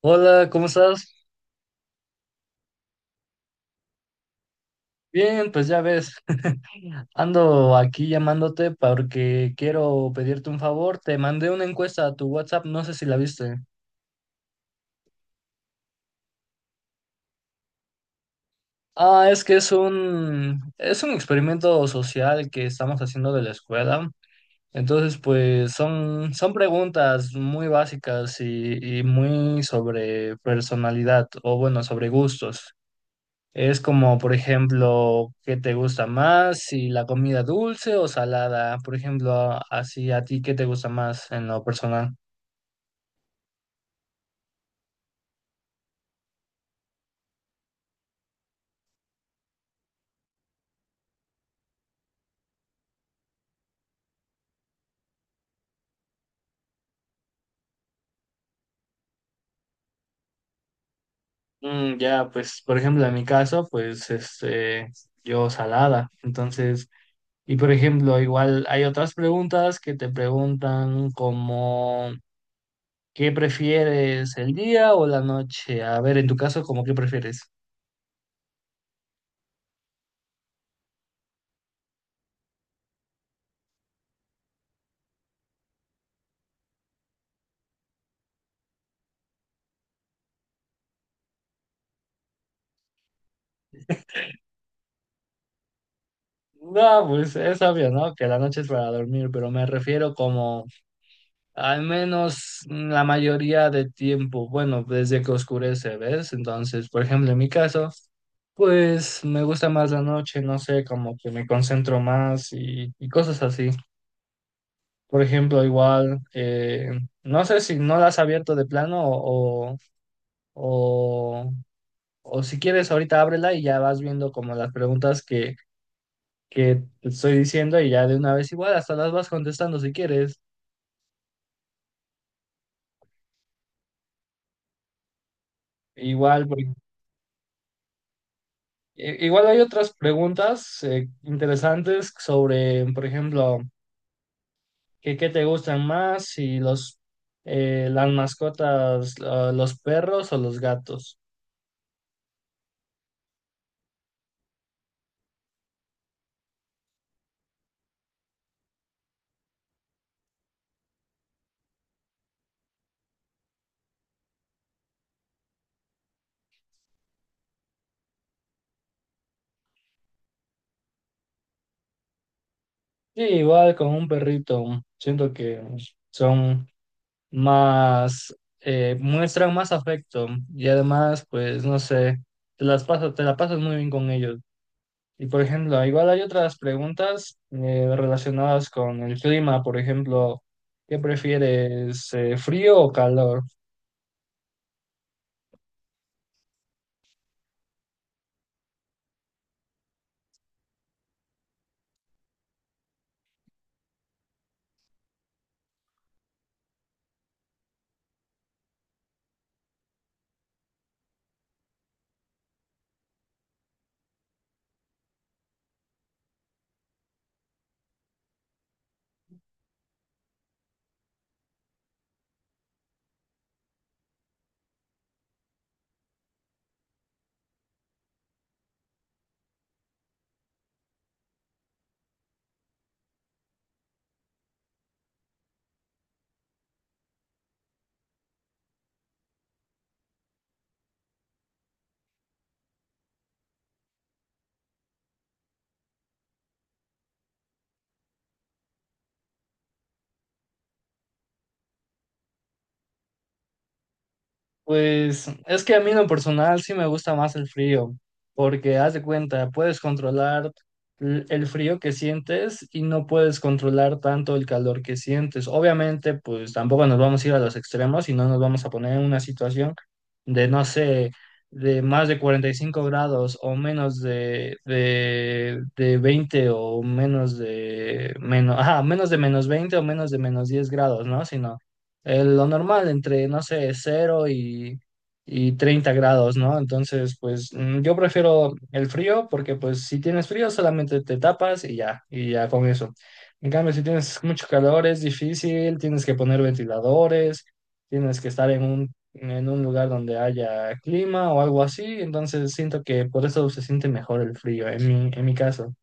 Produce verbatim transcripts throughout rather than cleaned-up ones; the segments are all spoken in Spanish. Hola, ¿cómo estás? Bien, pues ya ves, ando aquí llamándote porque quiero pedirte un favor. Te mandé una encuesta a tu WhatsApp, no sé si la viste. Ah, es que es un es un experimento social que estamos haciendo de la escuela. Entonces, pues son son preguntas muy básicas y, y muy sobre personalidad o bueno, sobre gustos. Es como, por ejemplo, ¿qué te gusta más? Si la comida dulce o salada, por ejemplo, a- así a ti, ¿qué te gusta más en lo personal? Mm, ya, pues, por ejemplo, en mi caso, pues, este, yo salada. Entonces, y por ejemplo, igual hay otras preguntas que te preguntan como, ¿qué prefieres, el día o la noche? A ver, en tu caso, cómo, ¿qué prefieres? No, pues es obvio, ¿no? Que la noche es para dormir, pero me refiero como al menos la mayoría del tiempo, bueno, desde que oscurece, ¿ves? Entonces, por ejemplo, en mi caso, pues me gusta más la noche, no sé, como que me concentro más y, y cosas así. Por ejemplo, igual, eh, no sé si no la has abierto de plano o, o, o si quieres, ahorita ábrela y ya vas viendo como las preguntas que, que te estoy diciendo y ya de una vez igual, hasta las vas contestando si quieres. Igual, I- Igual hay otras preguntas eh, interesantes sobre, por ejemplo, ¿qué, qué te gustan más? Si los, eh, las mascotas, ah, los perros o los gatos. Sí, igual con un perrito, siento que son más, eh, muestran más afecto y además, pues, no sé, te las pasas, te la pasas muy bien con ellos. Y por ejemplo, igual hay otras preguntas eh, relacionadas con el clima, por ejemplo, ¿qué prefieres, eh, frío o calor? Pues es que a mí en lo personal sí me gusta más el frío, porque haz de cuenta, puedes controlar l- el frío que sientes y no puedes controlar tanto el calor que sientes. Obviamente, pues tampoco nos vamos a ir a los extremos y no nos vamos a poner en una situación de, no sé, de más de cuarenta y cinco grados o menos de, de, de veinte o menos de menos, ajá, menos de menos veinte o menos de menos diez grados, ¿no? Sino eh, lo normal, entre, no sé, cero y, y treinta grados, ¿no? Entonces, pues mm, yo prefiero el frío porque pues si tienes frío solamente te tapas y ya, y ya con eso. En cambio, si tienes mucho calor es difícil, tienes que poner ventiladores, tienes que estar en un, en un lugar donde haya clima o algo así, entonces siento que por eso se siente mejor el frío en mi, en mi caso.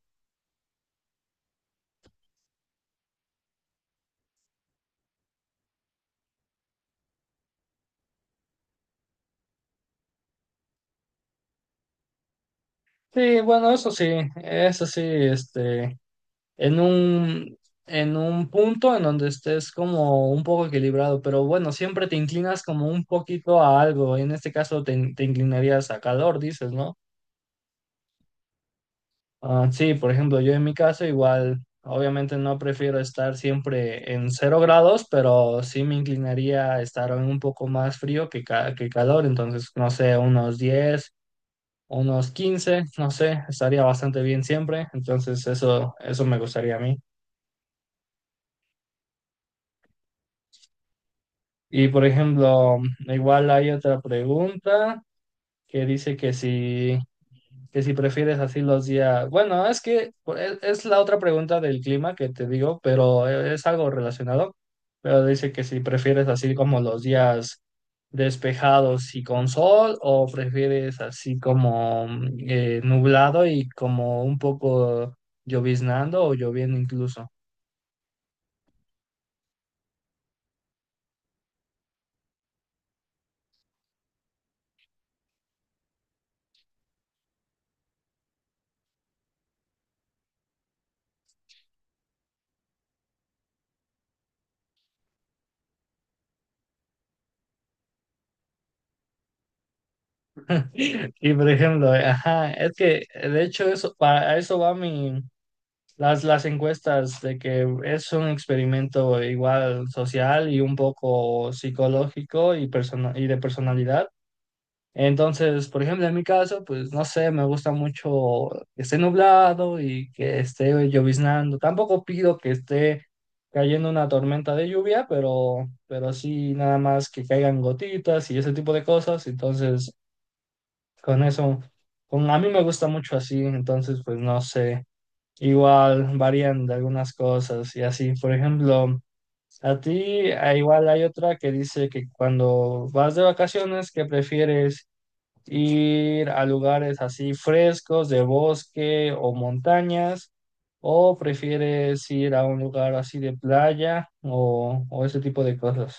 Sí, bueno, eso sí, eso sí, este... en un, en un punto en donde estés como un poco equilibrado, pero bueno, siempre te inclinas como un poquito a algo. En este caso te, in- te inclinarías a calor, dices, ¿no? Ah, sí, por ejemplo, yo en mi caso igual, obviamente no prefiero estar siempre en cero grados, pero sí me inclinaría a estar en un poco más frío que, ca- que calor, entonces, no sé, unos diez, unos quince, no sé, estaría bastante bien siempre, entonces eso, eso me gustaría a mí. Y por ejemplo, igual hay otra pregunta que dice que si, que si prefieres así los días. Bueno, es que por- es, es la otra pregunta del clima que te digo, pero e, es algo relacionado. Pero dice que si prefieres así como los días despejados y con sol, o prefieres así como mm, eh, nublado y como un poco lloviznando o lloviendo incluso. Y por ejemplo, ajá, es que de hecho eso, para a eso va mi. Las, las encuestas de que es un experimento igual social y un poco psicológico y, persona- y de personalidad. Entonces, por ejemplo, en mi caso, pues no sé, me gusta mucho que esté nublado y que esté lloviznando. Tampoco pido que esté cayendo una tormenta de lluvia, pero, pero sí nada más que caigan gotitas y ese tipo de cosas. Entonces, con eso, con, a mí me gusta mucho así. Entonces, pues no sé. Igual varían de algunas cosas y así. Por ejemplo, a ti, ah, igual hay otra que dice que cuando vas de vacaciones que prefieres ir a lugares así frescos, de bosque o montañas, o prefieres ir a un lugar así de playa o, o ese tipo de cosas.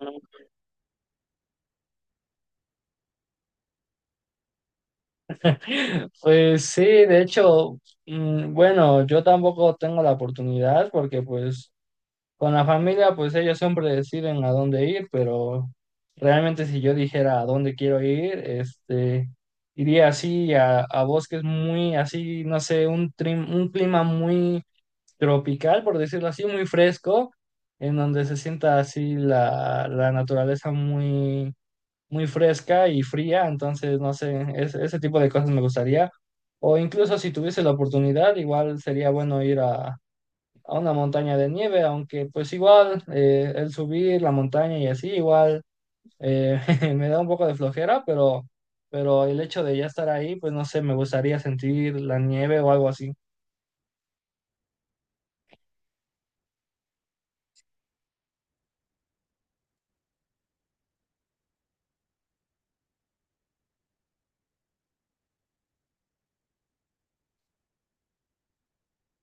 Pues sí, de hecho, mm, bueno, yo tampoco tengo la oportunidad porque pues con la familia, pues ellos siempre deciden a dónde ir, pero realmente si yo dijera a dónde quiero ir, este, iría así a, a bosques muy así, no sé, un, trim- un clima muy tropical, por decirlo así, muy fresco, en donde se sienta así la, la naturaleza muy, muy fresca y fría, entonces, no sé, es- ese tipo de cosas me gustaría. O incluso si tuviese la oportunidad, igual sería bueno ir a una montaña de nieve, aunque pues igual eh, el subir la montaña y así igual eh, me da un poco de flojera, pero, pero el hecho de ya estar ahí, pues no sé, me gustaría sentir la nieve o algo así.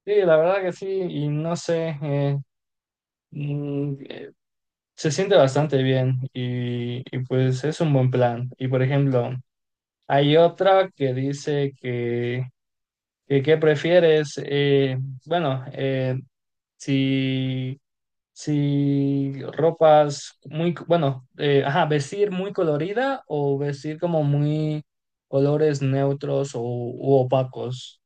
Sí, la verdad que sí, y no sé, eh, mm, eh, se siente bastante bien y, y pues es un buen plan. Y por ejemplo, hay otra que dice que, que, ¿qué prefieres? Eh, bueno, eh, si si ropas muy, bueno, eh, ajá, vestir muy colorida o vestir como muy colores neutros o u opacos.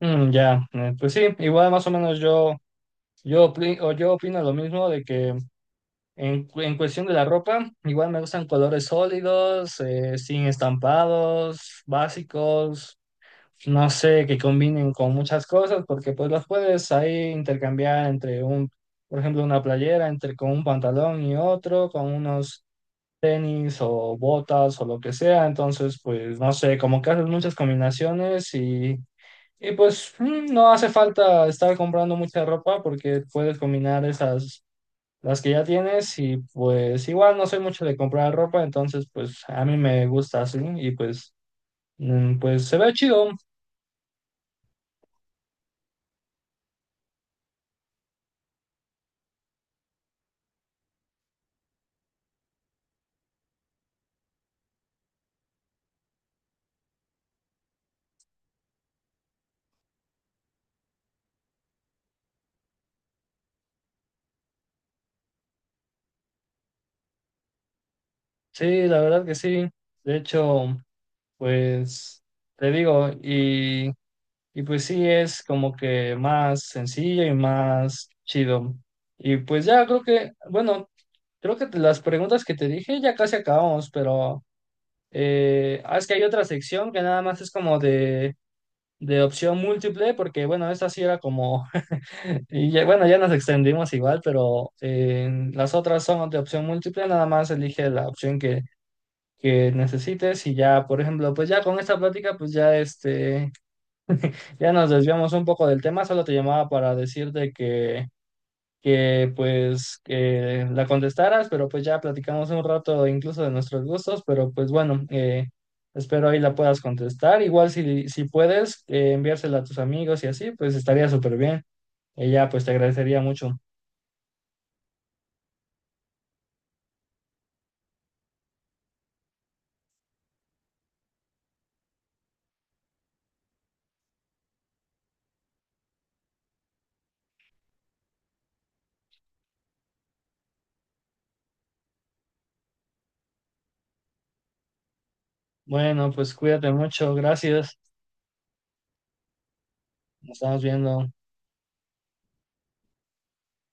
Mm, ya, eh, pues sí, igual más o menos yo, yo, opri- o yo opino lo mismo de que en, cu- en cuestión de la ropa, igual me gustan colores sólidos, eh, sin estampados, básicos. No sé, que combinen con muchas cosas, porque pues las puedes ahí intercambiar entre un, por ejemplo, una playera, entre con un pantalón y otro, con unos tenis o botas o lo que sea. Entonces, pues no sé, como que haces muchas combinaciones y, y pues mm, no hace falta estar comprando mucha ropa porque puedes combinar esas. Las que ya tienes y pues igual no soy mucho de comprar ropa, entonces pues a mí me gusta así y pues mm, pues se ve chido. Sí, la verdad que sí. De hecho, pues te digo, y, y pues sí es como que más sencillo y más chido. Y pues ya creo que, bueno, creo que te- las preguntas que te dije ya casi acabamos, pero eh, ah, es que hay otra sección que nada más es como de, de opción múltiple, porque bueno, esta sí era como, y ya- bueno, ya nos extendimos igual, pero eh, las otras son de opción múltiple, nada más elige la opción que necesites y ya, por ejemplo, pues ya con esta plática, pues ya este, ya nos desviamos un poco del tema, solo te llamaba para decirte que, que pues que la contestaras, pero pues ya platicamos un rato incluso de nuestros gustos, pero pues bueno, eh, espero ahí la puedas contestar, igual si, si puedes eh, enviársela a tus amigos y así, pues estaría súper bien, ella pues te agradecería mucho. Bueno, pues cuídate mucho, gracias, nos estamos viendo.